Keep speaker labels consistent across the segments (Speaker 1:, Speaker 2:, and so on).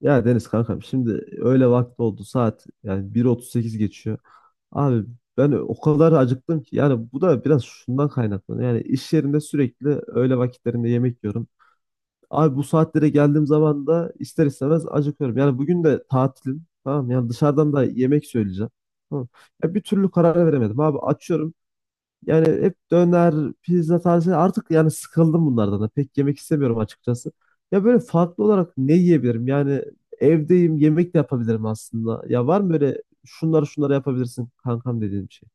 Speaker 1: Ya Deniz kankam şimdi öyle vakti oldu saat yani 1.38 geçiyor. Abi ben o kadar acıktım ki yani bu da biraz şundan kaynaklanıyor. Yani iş yerinde sürekli öğle vakitlerinde yemek yiyorum. Abi bu saatlere geldiğim zaman da ister istemez acıkıyorum. Yani bugün de tatilim, tamam mı? Yani dışarıdan da yemek söyleyeceğim. Tamam. Ya bir türlü karar veremedim abi, açıyorum yani hep döner, pizza tarzı artık yani sıkıldım bunlardan da. Pek yemek istemiyorum açıkçası. Ya böyle farklı olarak ne yiyebilirim? Yani evdeyim, yemek de yapabilirim aslında. Ya var mı böyle şunları şunları yapabilirsin kankam dediğim bir şey?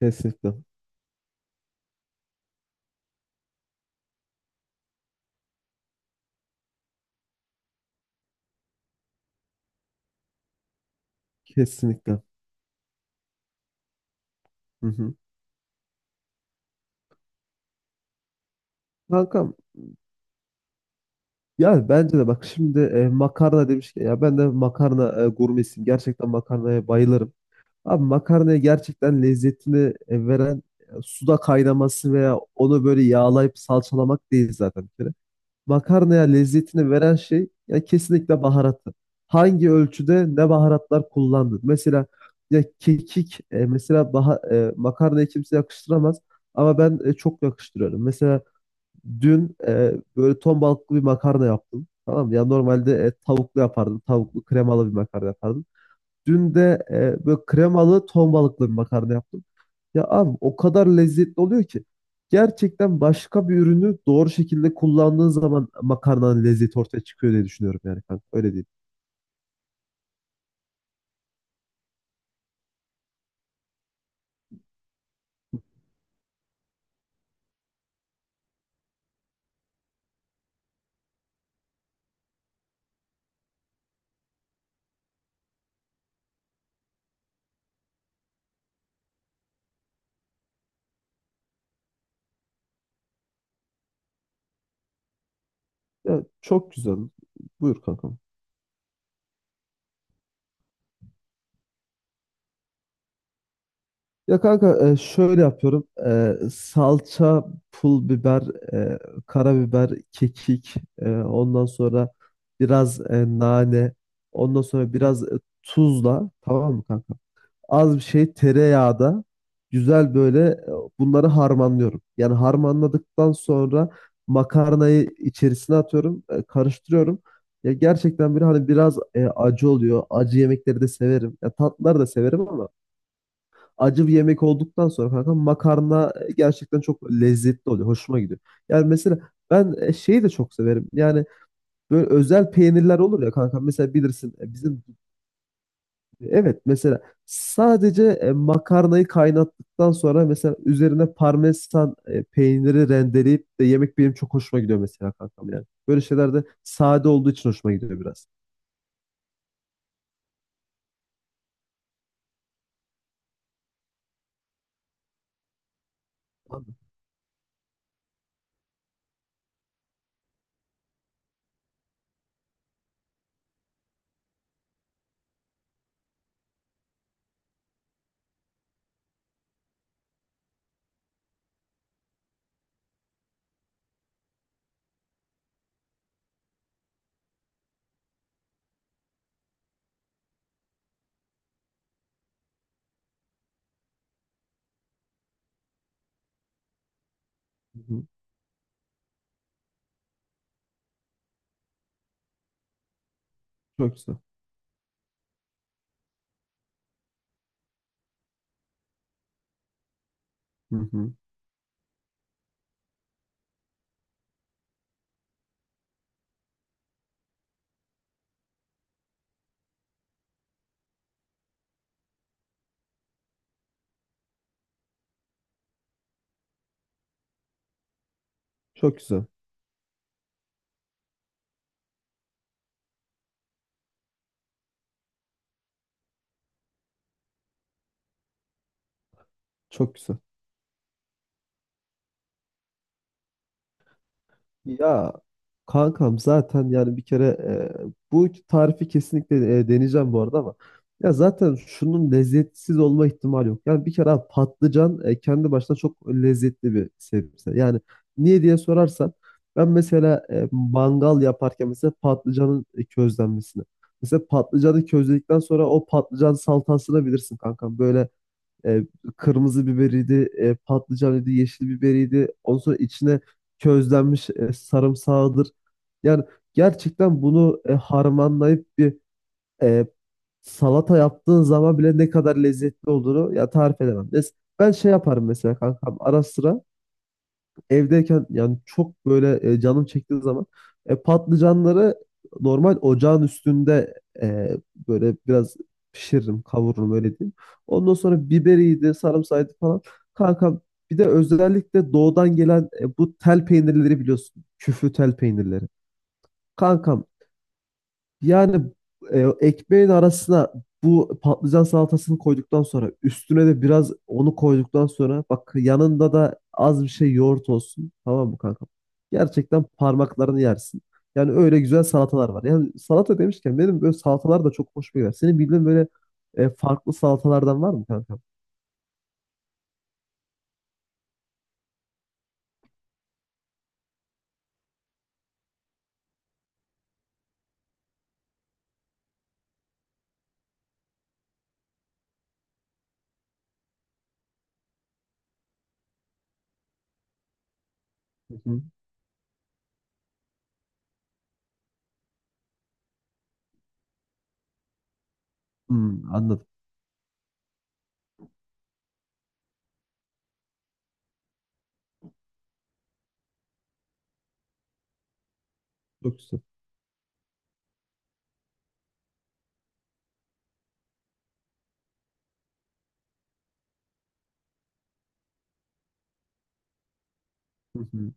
Speaker 1: Kesinlikle. Kesinlikle. Hı hı. Kankam, yani bence de bak şimdi makarna demişken ya ben de makarna gurmesiyim. Gerçekten makarnaya bayılırım. Abi, makarnaya gerçekten lezzetini veren suda kaynaması veya onu böyle yağlayıp salçalamak değil zaten bir kere. Makarnaya lezzetini veren şey ya kesinlikle baharatı. Hangi ölçüde ne baharatlar kullandın? Mesela ya kekik makarnaya kimse yakıştıramaz ama ben çok yakıştırıyorum. Mesela dün böyle ton balıklı bir makarna yaptım. Tamam mı? Ya normalde tavuklu yapardım. Tavuklu kremalı bir makarna yapardım. Dün de böyle kremalı ton balıklı bir makarna yaptım. Ya abi o kadar lezzetli oluyor ki. Gerçekten başka bir ürünü doğru şekilde kullandığın zaman makarnanın lezzeti ortaya çıkıyor diye düşünüyorum yani kanka. Öyle değil. Ya çok güzel. Buyur kankam. Ya kanka şöyle yapıyorum. Salça, pul biber, e, karabiber, kekik, ondan sonra biraz nane, ondan sonra biraz tuzla, tamam mı kanka? Az bir şey tereyağda güzel, böyle bunları harmanlıyorum. Yani harmanladıktan sonra makarnayı içerisine atıyorum, karıştırıyorum. Ya gerçekten böyle hani biraz acı oluyor. Acı yemekleri de severim. Ya tatlıları da severim ama acı bir yemek olduktan sonra kanka makarna gerçekten çok lezzetli oluyor. Hoşuma gidiyor. Yani mesela ben şeyi de çok severim. Yani böyle özel peynirler olur ya kanka. Mesela bilirsin bizim. Evet, mesela sadece makarnayı kaynattıktan sonra mesela üzerine parmesan peyniri rendeleyip de yemek benim çok hoşuma gidiyor mesela kankam yani. Böyle şeyler de sade olduğu için hoşuma gidiyor biraz. Anladım. Hı hı. Çok güzel. Hı hı. Çok güzel. Çok güzel. Ya kankam zaten yani bir kere bu tarifi kesinlikle deneyeceğim bu arada ama ya zaten şunun lezzetsiz olma ihtimali yok. Yani bir kere abi patlıcan kendi başına çok lezzetli bir sebze. Yani niye diye sorarsan ben mesela mangal yaparken mesela patlıcanın közlenmesini. Mesela patlıcanı közledikten sonra o patlıcan salatasını bilirsin kankam. Böyle e, kırmızı biberiydi, patlıcanıydı, yeşil biberiydi. Ondan sonra içine közlenmiş sarımsağıdır. Yani gerçekten bunu harmanlayıp bir e, salata yaptığın zaman bile ne kadar lezzetli olduğunu ya tarif edemem. Ben şey yaparım mesela kankam ara sıra evdeyken yani çok böyle canım çektiği zaman patlıcanları normal ocağın üstünde e, böyle biraz pişiririm, kavururum öyle diyeyim. Ondan sonra biberiydi, sarımsağıydı falan. Kanka, bir de özellikle doğudan gelen bu tel peynirleri biliyorsun. Küflü tel peynirleri. Kankam, yani ekmeğin arasına bu patlıcan salatasını koyduktan sonra üstüne de biraz onu koyduktan sonra bak, yanında da az bir şey yoğurt olsun, tamam mı kanka? Gerçekten parmaklarını yersin. Yani öyle güzel salatalar var. Yani salata demişken benim böyle salatalar da çok hoşuma gider. Senin bildiğin böyle farklı salatalardan var mı kanka? Hı hı. Hmm, anladım. Çok güzel. Hı hı.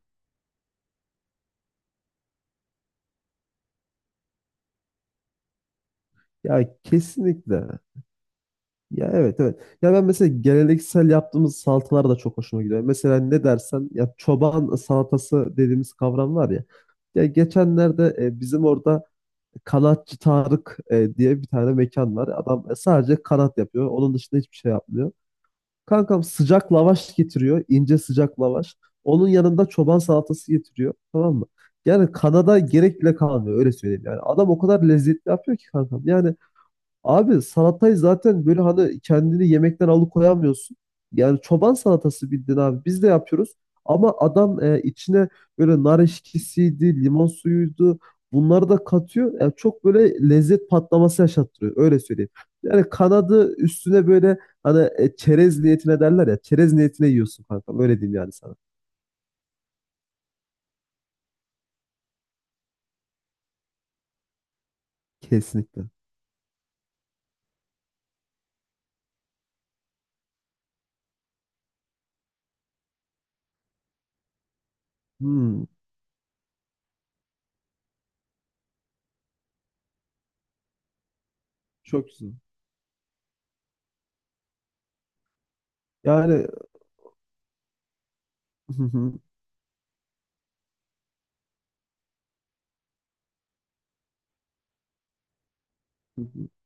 Speaker 1: Ya kesinlikle. Ya evet, evet. Ya ben mesela geleneksel yaptığımız salatalar da çok hoşuma gidiyor. Mesela ne dersen, ya çoban salatası dediğimiz kavram var ya. Ya geçenlerde bizim orada Kanatçı Tarık diye bir tane mekan var. Adam sadece kanat yapıyor. Onun dışında hiçbir şey yapmıyor. Kankam, sıcak lavaş getiriyor. İnce sıcak lavaş. Onun yanında çoban salatası getiriyor. Tamam mı? Yani kanada gerek bile kalmıyor, öyle söyleyeyim. Yani adam o kadar lezzetli yapıyor ki kankam. Yani abi salatayı zaten böyle hani kendini yemekten alıkoyamıyorsun. Yani çoban salatası bildiğin abi. Biz de yapıyoruz. Ama adam içine böyle nar eşkisiydi, limon suyuydu. Bunları da katıyor. Yani çok böyle lezzet patlaması yaşattırıyor. Öyle söyleyeyim. Yani kanadı üstüne böyle hani çerez niyetine derler ya. Çerez niyetine yiyorsun kanka. Öyle diyeyim yani sana. Kesinlikle. Hmm, çok güzel. Yani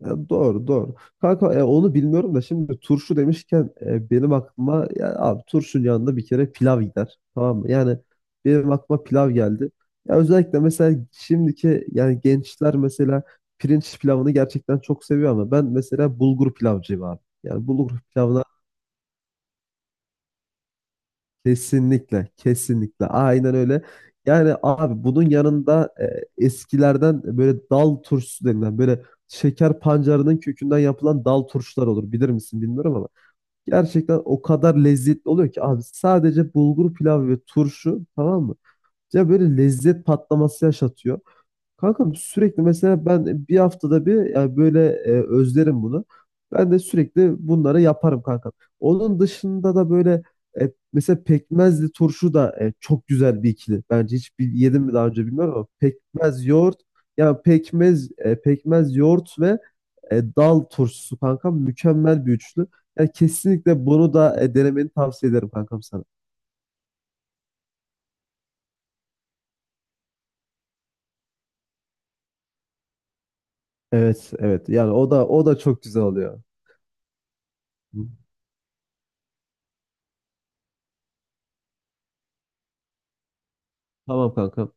Speaker 1: Ya doğru, doğru. Kanka, onu bilmiyorum da şimdi turşu demişken benim aklıma ya abi, turşunun yanında bir kere pilav gider. Tamam mı? Yani benim aklıma pilav geldi. Ya özellikle mesela şimdiki yani gençler mesela pirinç pilavını gerçekten çok seviyor ama ben mesela bulgur pilavcıyım abi. Yani bulgur pilavına. Kesinlikle, kesinlikle. Aynen öyle. Yani abi bunun yanında eskilerden böyle dal turşusu denilen böyle şeker pancarının kökünden yapılan dal turşular olur. Bilir misin bilmiyorum ama gerçekten o kadar lezzetli oluyor ki abi, sadece bulgur pilavı ve turşu, tamam mı? Ya böyle lezzet patlaması yaşatıyor. Kanka, sürekli mesela ben bir haftada bir yani böyle özlerim bunu. Ben de sürekli bunları yaparım kanka. Onun dışında da böyle mesela pekmezli turşu da çok güzel bir ikili. Bence hiç yedim mi daha önce bilmiyorum ama pekmez yoğurt, yani pekmez yoğurt ve dal turşusu kanka mükemmel bir üçlü. Yani kesinlikle bunu da denemeni tavsiye ederim kankam sana. Evet, evet yani o da o da çok güzel oluyor. Hı. Tamam kankam.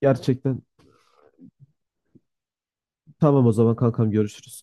Speaker 1: Gerçekten. Tamam o zaman kankam, görüşürüz.